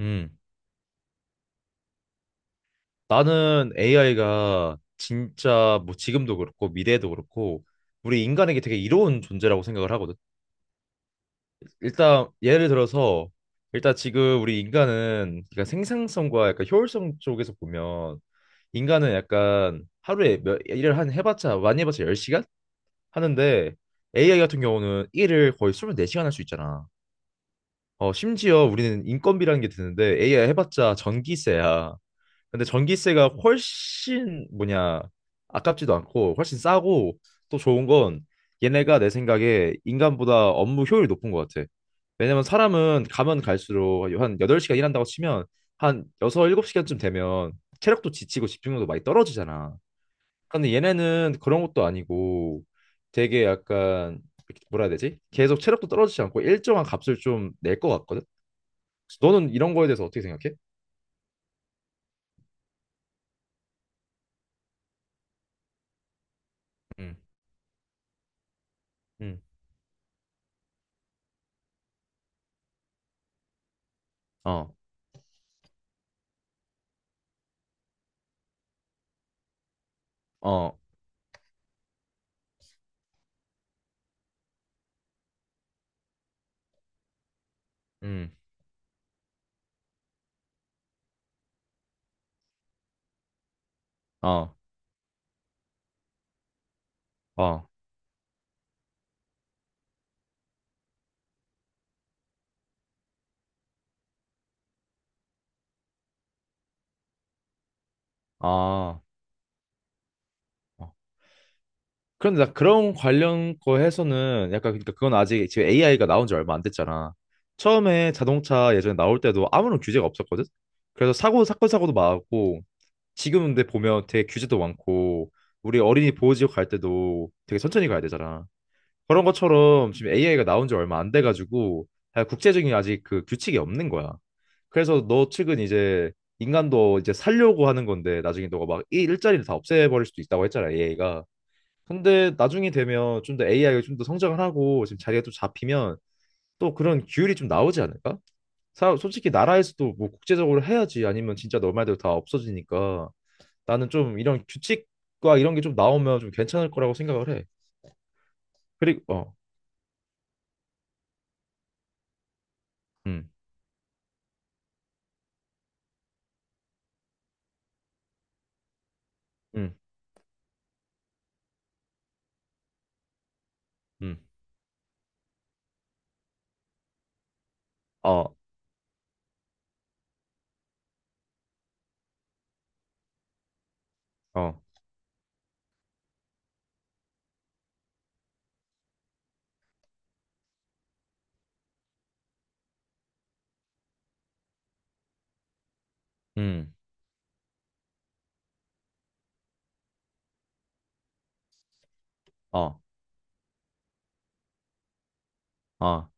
음, 나는 AI가 진짜 뭐 지금도 그렇고 미래에도 그렇고 우리 인간에게 되게 이로운 존재라고 생각을 하거든. 일단 예를 들어서 일단 지금 우리 인간은 그러니까 생산성과 약간 효율성 쪽에서 보면 인간은 약간 하루에 몇 일을 한 해봤자 많이 해봤자 10시간 하는데 AI 같은 경우는 일을 거의 24시간 할 수 있잖아. 심지어 우리는 인건비라는 게 드는데 AI 해봤자 전기세야. 근데 전기세가 훨씬 뭐냐 아깝지도 않고 훨씬 싸고 또 좋은 건 얘네가 내 생각에 인간보다 업무 효율이 높은 것 같아. 왜냐면 사람은 가면 갈수록 한 8시간 일한다고 치면 한 6, 7시간쯤 되면 체력도 지치고 집중력도 많이 떨어지잖아. 근데 얘네는 그런 것도 아니고 되게 약간 뭐라 해야 되지? 계속 체력도 떨어지지 않고 일정한 값을 좀 낼 것 같거든? 너는 이런 거에 대해서 어떻게 생각해? 음, 음, 어, 어, 음. 어, 어, 아. 어. 그런데 나 그런 관련 거 해서는 약간 그러니까 그건 아직 지금 AI가 나온 지 얼마 안 됐잖아. 처음에 자동차 예전에 나올 때도 아무런 규제가 없었거든. 그래서 사고 사건 사고도 많았고 지금 근데 보면 되게 규제도 많고 우리 어린이 보호지역 갈 때도 되게 천천히 가야 되잖아. 그런 것처럼 지금 AI가 나온 지 얼마 안 돼가지고 아, 국제적인 아직 그 규칙이 없는 거야. 그래서 너 측은 이제 인간도 이제 살려고 하는 건데 나중에 너가 막 이 일자리를 다 없애버릴 수도 있다고 했잖아 AI가. 근데 나중에 되면 좀 더 AI가 좀 더 성장을 하고 지금 자리가 또 잡히면 또 그런 규율이 좀 나오지 않을까? 사, 솔직히 나라에서도 뭐 국제적으로 해야지 아니면 진짜 너 말대로 다 없어지니까 나는 좀 이런 규칙과 이런 게 좀 나오면 좀 괜찮을 거라고 생각을 해. 그리고 어음음음어어음어어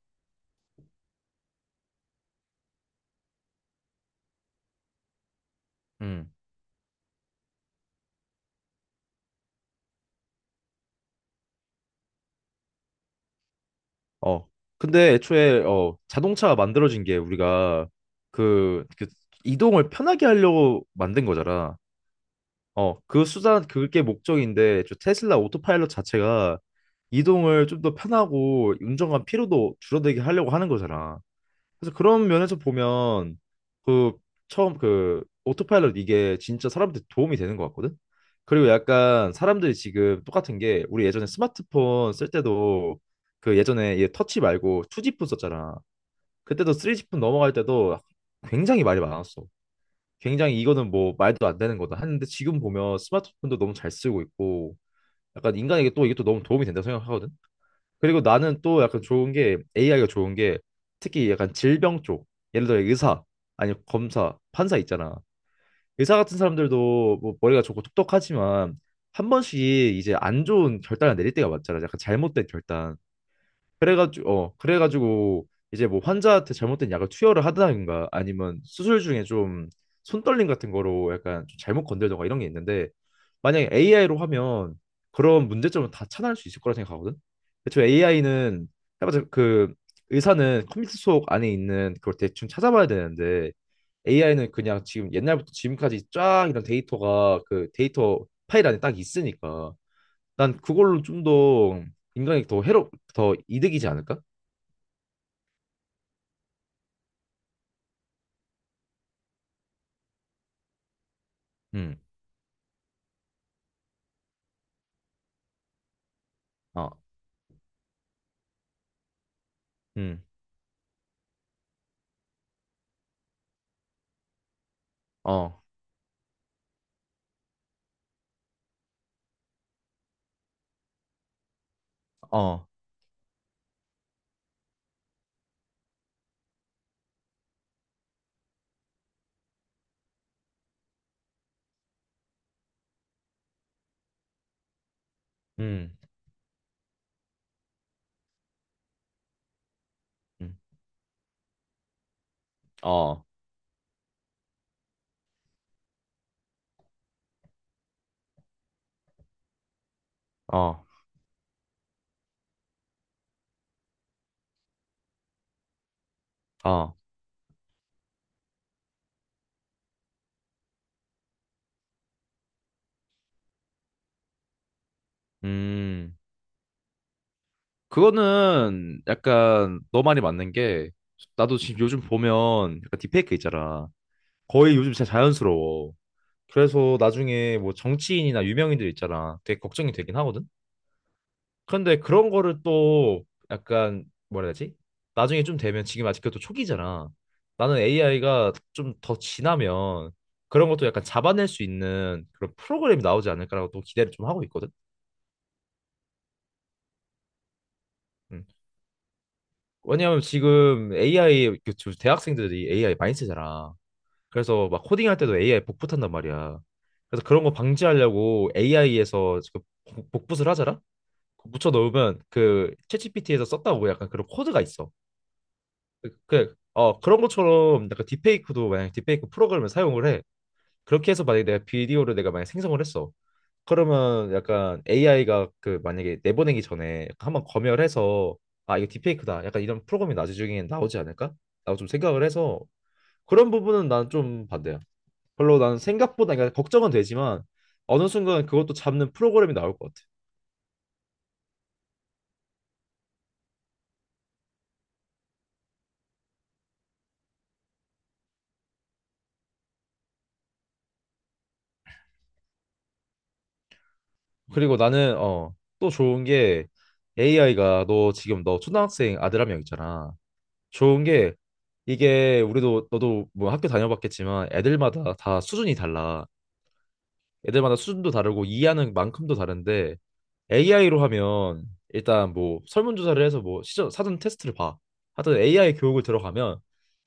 음 어. 근데 애초에 자동차가 만들어진 게 우리가 그 이동을 편하게 하려고 만든 거잖아. 그 수단 그게 목적인데 저 테슬라 오토파일럿 자체가 이동을 좀 더 편하고 운전관 피로도 줄어들게 하려고 하는 거잖아. 그래서 그런 면에서 보면 그 처음 그 오토파일럿 이게 진짜 사람한테 도움이 되는 것 같거든. 그리고 약간 사람들이 지금 똑같은 게 우리 예전에 스마트폰 쓸 때도 그 예전에 얘 터치 말고 2G폰 썼잖아. 그때도 3G폰 넘어갈 때도 굉장히 말이 많았어. 굉장히 이거는 뭐 말도 안 되는 거다 하는데 지금 보면 스마트폰도 너무 잘 쓰고 있고 약간 인간에게 또 이게 또 너무 도움이 된다고 생각하거든. 그리고 나는 또 약간 좋은 게 AI가 좋은 게 특히 약간 질병 쪽 예를 들어 의사 아니 검사 판사 있잖아. 의사 같은 사람들도 뭐 머리가 좋고 똑똑하지만 한 번씩 이제 안 좋은 결단을 내릴 때가 많잖아. 약간 잘못된 결단. 그래가지고 이제 뭐 환자한테 잘못된 약을 투여를 하든가 아니면 수술 중에 좀 손떨림 같은 거로 약간 좀 잘못 건들던가 이런 게 있는데 만약에 AI로 하면 그런 문제점은 다 차단할 수 있을 거라 생각하거든. 저 AI는 해봤자 그 의사는 컴퓨터 속 안에 있는 그걸 대충 찾아봐야 되는데 AI는 그냥 지금 옛날부터 지금까지 쫙 이런 데이터가 그 데이터 파일 안에 딱 있으니까 난 그걸로 좀 더 인간이 더 해롭 더 이득이지 않을까? 음, 어, 음, 어, 어, 음, 음, 어, 어, 어, 음. 그거는 약간 너 말이 맞는 게 나도 지금 요즘 보면 약간 딥페이크 있잖아. 거의 요즘 진짜 자연스러워. 그래서 나중에 뭐 정치인이나 유명인들 있잖아. 되게 걱정이 되긴 하거든. 근데 그런 거를 또 약간 뭐라 해야 되지? 나중에 좀 되면 지금 아직 그것도 초기잖아. 나는 AI가 좀 더 지나면 그런 것도 약간 잡아낼 수 있는 그런 프로그램이 나오지 않을까라고 또 기대를 좀 하고 있거든. 음. 왜냐하면 지금 AI 그저 대학생들이 AI 많이 쓰잖아. 그래서 막 코딩할 때도 AI 복붙한단 말이야. 그래서 그런 거 방지하려고 AI에서 복붙을 하잖아. 묻혀 넣으면 그 챗GPT에서 썼다고 약간 그런 코드가 있어. 그런 것처럼 약간 딥페이크도 만약 딥페이크 프로그램을 사용을 해. 그렇게 해서 만약에 내가 비디오를 내가 만약 생성을 했어. 그러면 약간 AI가 그 만약에 내보내기 전에 한번 검열해서 아, 이거 딥페이크다. 약간 이런 프로그램이 나중에 나오지 않을까? 라고 좀 생각을 해서 그런 부분은 난 좀 반대야. 별로 난 생각보다 그러니까 걱정은 되지만 어느 순간 그것도 잡는 프로그램이 나올 것 같아. 그리고 나는 어, 또 좋은 게 AI가 너 지금 너 초등학생 아들 한 명 있잖아. 좋은 게 이게 우리도 너도 뭐 학교 다녀봤겠지만 애들마다 다 수준이 달라. 애들마다 수준도 다르고 이해하는 만큼도 다른데 AI로 하면 일단 뭐 설문조사를 해서 뭐 사전 테스트를 봐. 하여튼 AI 교육을 들어가면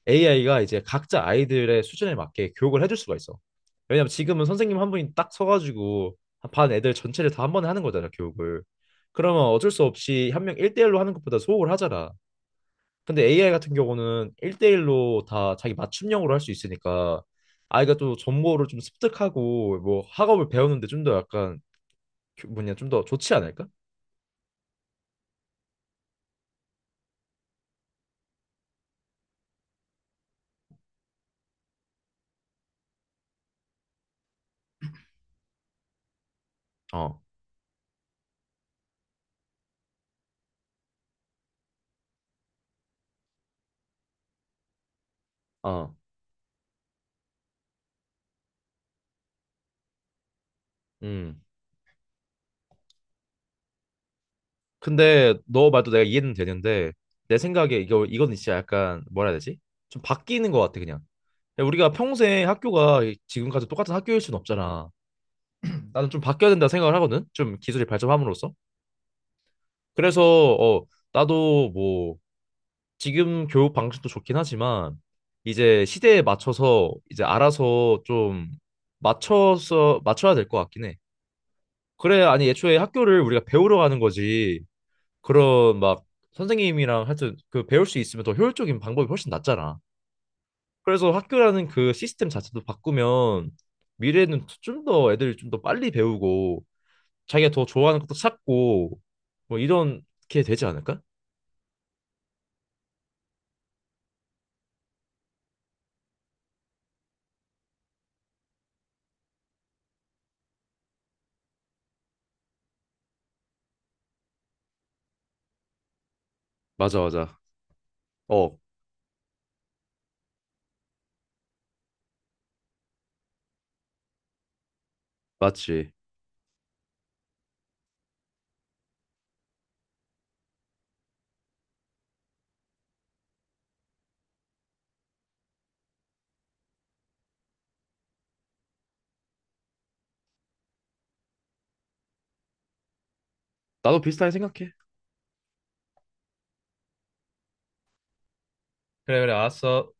AI가 이제 각자 아이들의 수준에 맞게 교육을 해줄 수가 있어. 왜냐면 지금은 선생님 한 분이 딱 서가지고 반 애들 전체를 다 한 번에 하는 거잖아, 교육을. 그러면 어쩔 수 없이 한 명 일대일로 하는 것보다 소홀하잖아. 근데 AI 같은 경우는 일대일로 다 자기 맞춤형으로 할 수 있으니까 아이가 또 정보를 좀 습득하고 뭐 학업을 배우는데 좀 더 약간 뭐냐 좀 더 좋지 않을까? 어, 어, 음. 근데 너 말도 내가 이해는 되는데 내 생각에 이거 이건 진짜 약간 뭐라 해야 되지? 좀 바뀌는 것 같아 그냥. 그냥 우리가 평생 학교가 지금까지 똑같은 학교일 수는 없잖아. 나는 좀 바뀌어야 된다 생각을 하거든. 좀 기술이 발전함으로써. 그래서 어 나도 뭐 지금 교육 방식도 좋긴 하지만 이제 시대에 맞춰서 이제 알아서 좀 맞춰서 맞춰야 될 것 같긴 해. 그래, 아니 애초에 학교를 우리가 배우러 가는 거지. 그런 막 선생님이랑 하여튼 그 배울 수 있으면 더 효율적인 방법이 훨씬 낫잖아. 그래서 학교라는 그 시스템 자체도 바꾸면 미래에는 좀 더 애들이 좀 더 빨리 배우고 자기가 더 좋아하는 것도 찾고 뭐 이런 게 되지 않을까? 맞아, 맞아. 어, 맞지. 나도 비슷하게 생각해. 그래, 그래, 알았어.